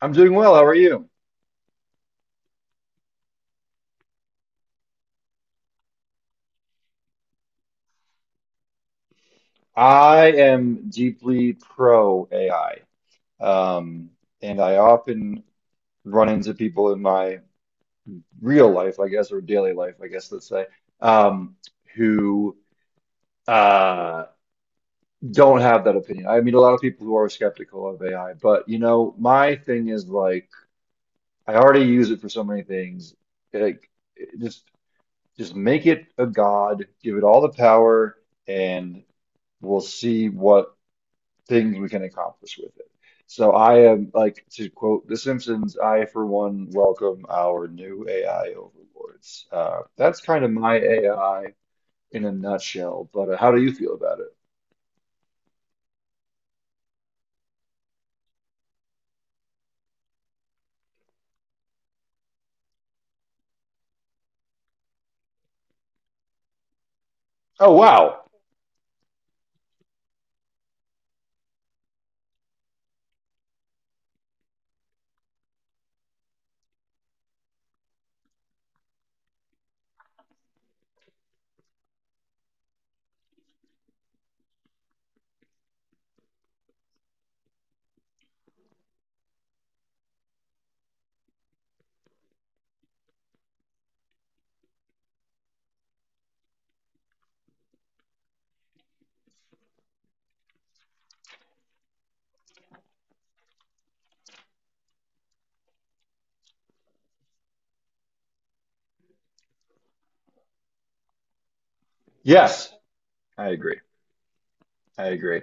I'm doing well. How are you? I am deeply pro AI. Um, and I often run into people in my real life, I guess, or daily life, I guess, let's say, um, who uh, don't have that opinion. I meet a lot of people who are skeptical of AI, but my thing is like, I already use it for so many things. Like, it- just just make it a god, give it all the power, and we'll see what things we can accomplish with it. So I am like to quote The Simpsons, I for one welcome our new AI overlords. That's kind of my AI in a nutshell, but how do you feel about it? Oh, wow. Yes, I agree. I agree.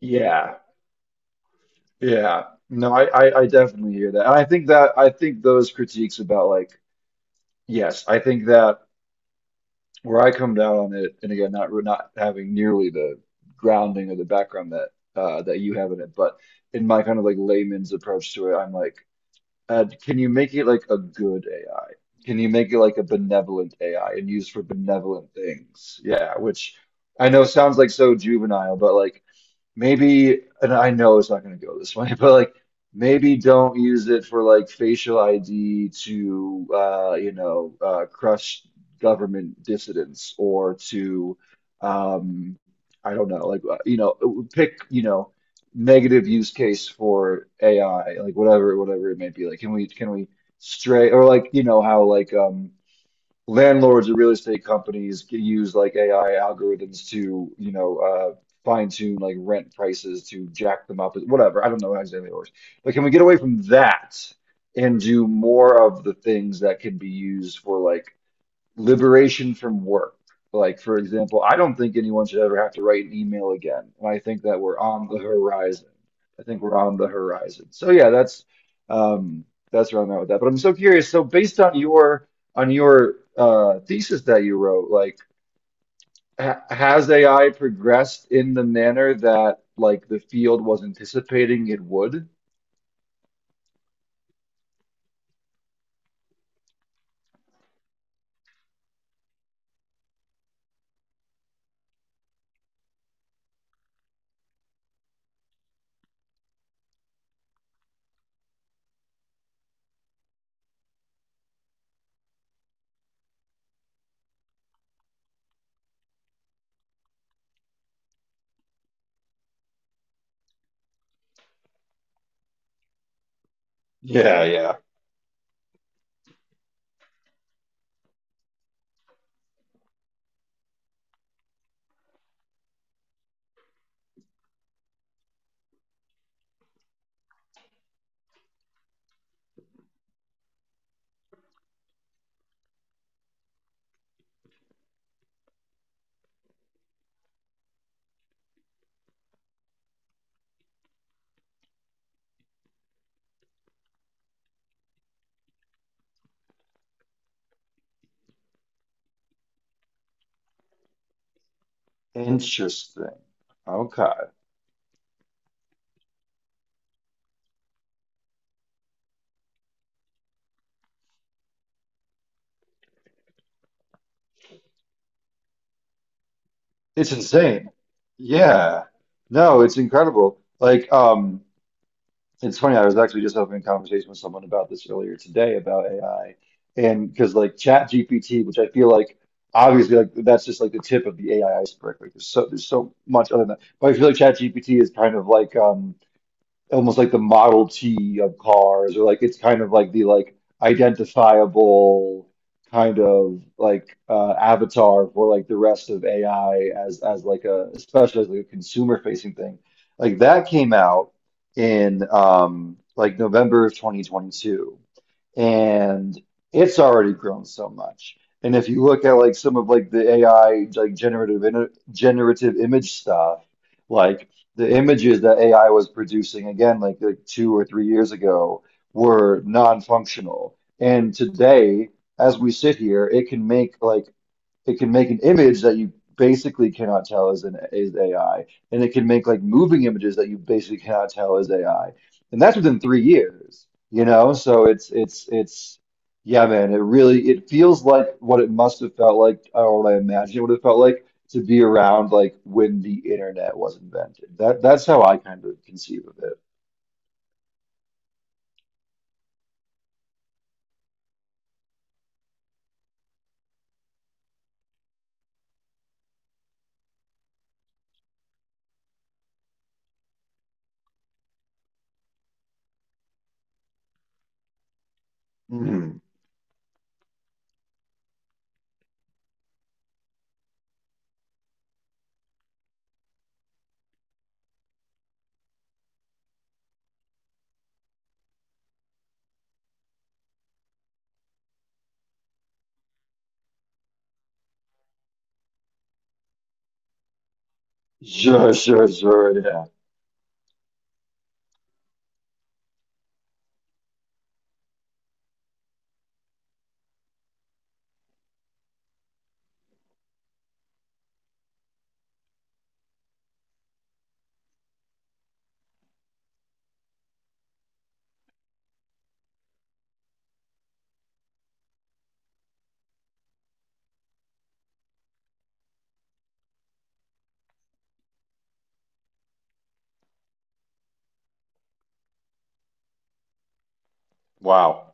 Yeah. Yeah. No, I definitely hear that. And I think those critiques about like, yes, I think that where I come down on it, and again, not having nearly the grounding or the background that you have in it, but in my kind of like layman's approach to it, I'm like, can you make it like a good AI? Can you make it like a benevolent AI and use for benevolent things? Yeah, which I know sounds like so juvenile, but like maybe, and I know it's not going to go this way, but like maybe don't use it for like facial ID to, crush government dissidents or to, um, I don't know, like, pick, negative use case for AI, like whatever, whatever it may be. Like, can we stray or like, how like, landlords or real estate companies use like AI algorithms to, fine tune like rent prices to jack them up, whatever. I don't know how exactly it works. But can we get away from that and do more of the things that can be used for like liberation from work. Like, for example, I don't think anyone should ever have to write an email again. And I think that we're on the horizon. I think we're on the horizon. So yeah, um, that's where I'm at with that. But I'm so curious. So based on your thesis that you wrote, like, ha has AI progressed in the manner that like the field was anticipating it would? Yeah, yeah. Interesting. Okay. It's insane. Yeah. No, it's incredible. Like, it's funny, I was actually just having a conversation with someone about this earlier today about AI. And because like Chat GPT, which I feel like obviously like that's just like the tip of the AI iceberg. Like there's so much other than that. But I feel like Chat GPT is kind of like almost like the Model T of cars, or like it's kind of like the like identifiable kind of like avatar for like the rest of AI as like a especially as like a consumer facing thing. Like that came out in like November of 2022 and it's already grown so much. And if you look at like some of like the AI like generative image stuff, like the images that AI was producing again, like 2 or 3 years ago, were non-functional. And today, as we sit here, it can make like it can make an image that you basically cannot tell is AI, and it can make like moving images that you basically cannot tell is AI, and that's within three years. So it's yeah, man. It feels like what it must have felt like, or what I imagine what it would have felt like to be around like when the internet was invented. That's how I kind of conceive of it. Mhm. Sure, sure, sure. Yeah. Wow.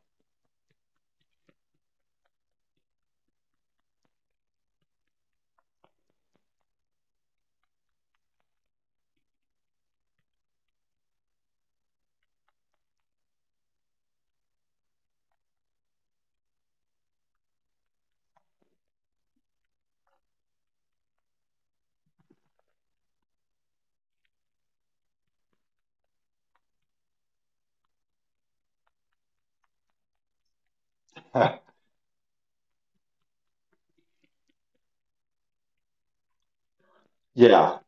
Yeah.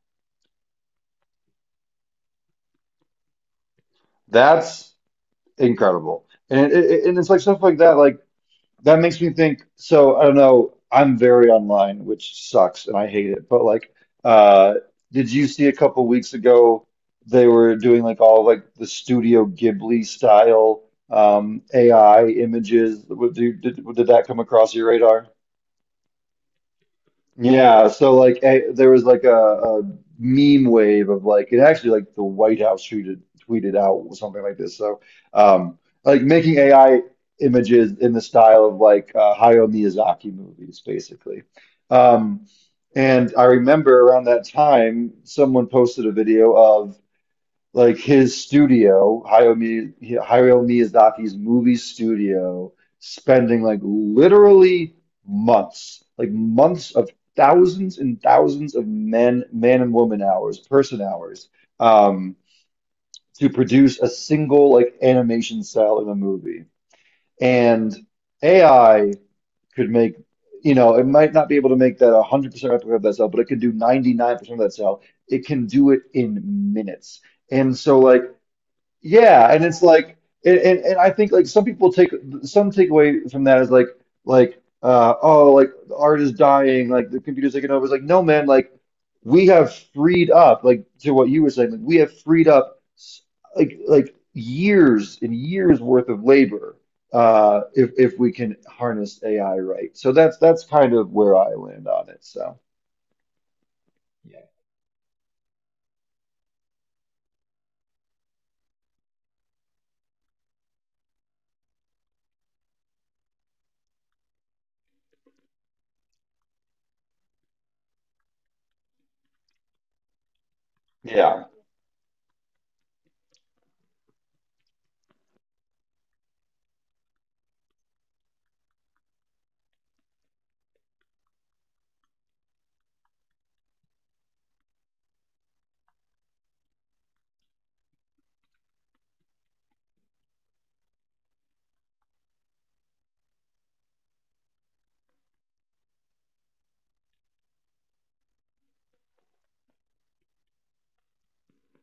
That's incredible. And it's like stuff like that makes me think. So I don't know. I'm very online, which sucks, and I hate it. But like, uh, did you see a couple weeks ago they were doing like all like the Studio Ghibli style AI images? Did that come across your radar? Yeah, so like there was like a meme wave of like it actually like the White House tweeted out something like this. So um like making AI images in the style of like Hayao Miyazaki movies basically. Um and I remember around that time someone posted a video of like his studio, Hayao Miyazaki's movie studio, spending like literally months, like months of thousands and thousands of men, man and woman hours, person hours, um, to produce a single like animation cell in a movie. And AI could make, it might not be able to make that 100% replica of that cell, but it can do 99% of that cell. It can do it in minutes. And so like yeah, and it's like, and I think like some people take some takeaway from that is like, oh, like the art is dying, like the computer's taking over. It's like, no, man, like we have freed up, like to what you were saying, like we have freed up like years and years worth of labor, if we can harness AI right. So that's kind of where I land on it. So yeah,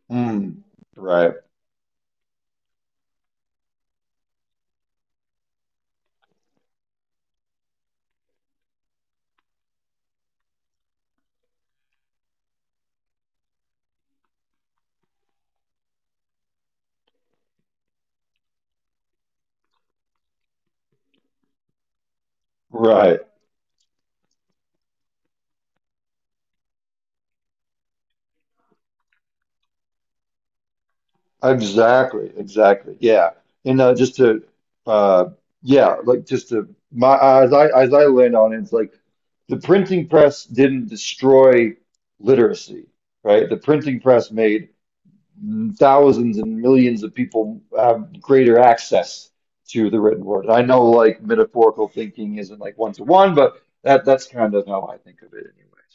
Mm. Right, right. Exactly, exactly. Yeah. And just to uh yeah, like just to my as I land on it, it's like the printing press didn't destroy literacy, right? The printing press made thousands and millions of people have greater access to the written word. I know like metaphorical thinking isn't like one to one, but that's kind of how I think of it anyways.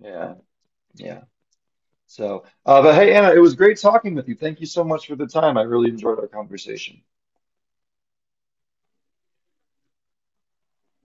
Yeah. Yeah. So, but hey, Anna, it was great talking with you. Thank you so much for the time. I really enjoyed our conversation.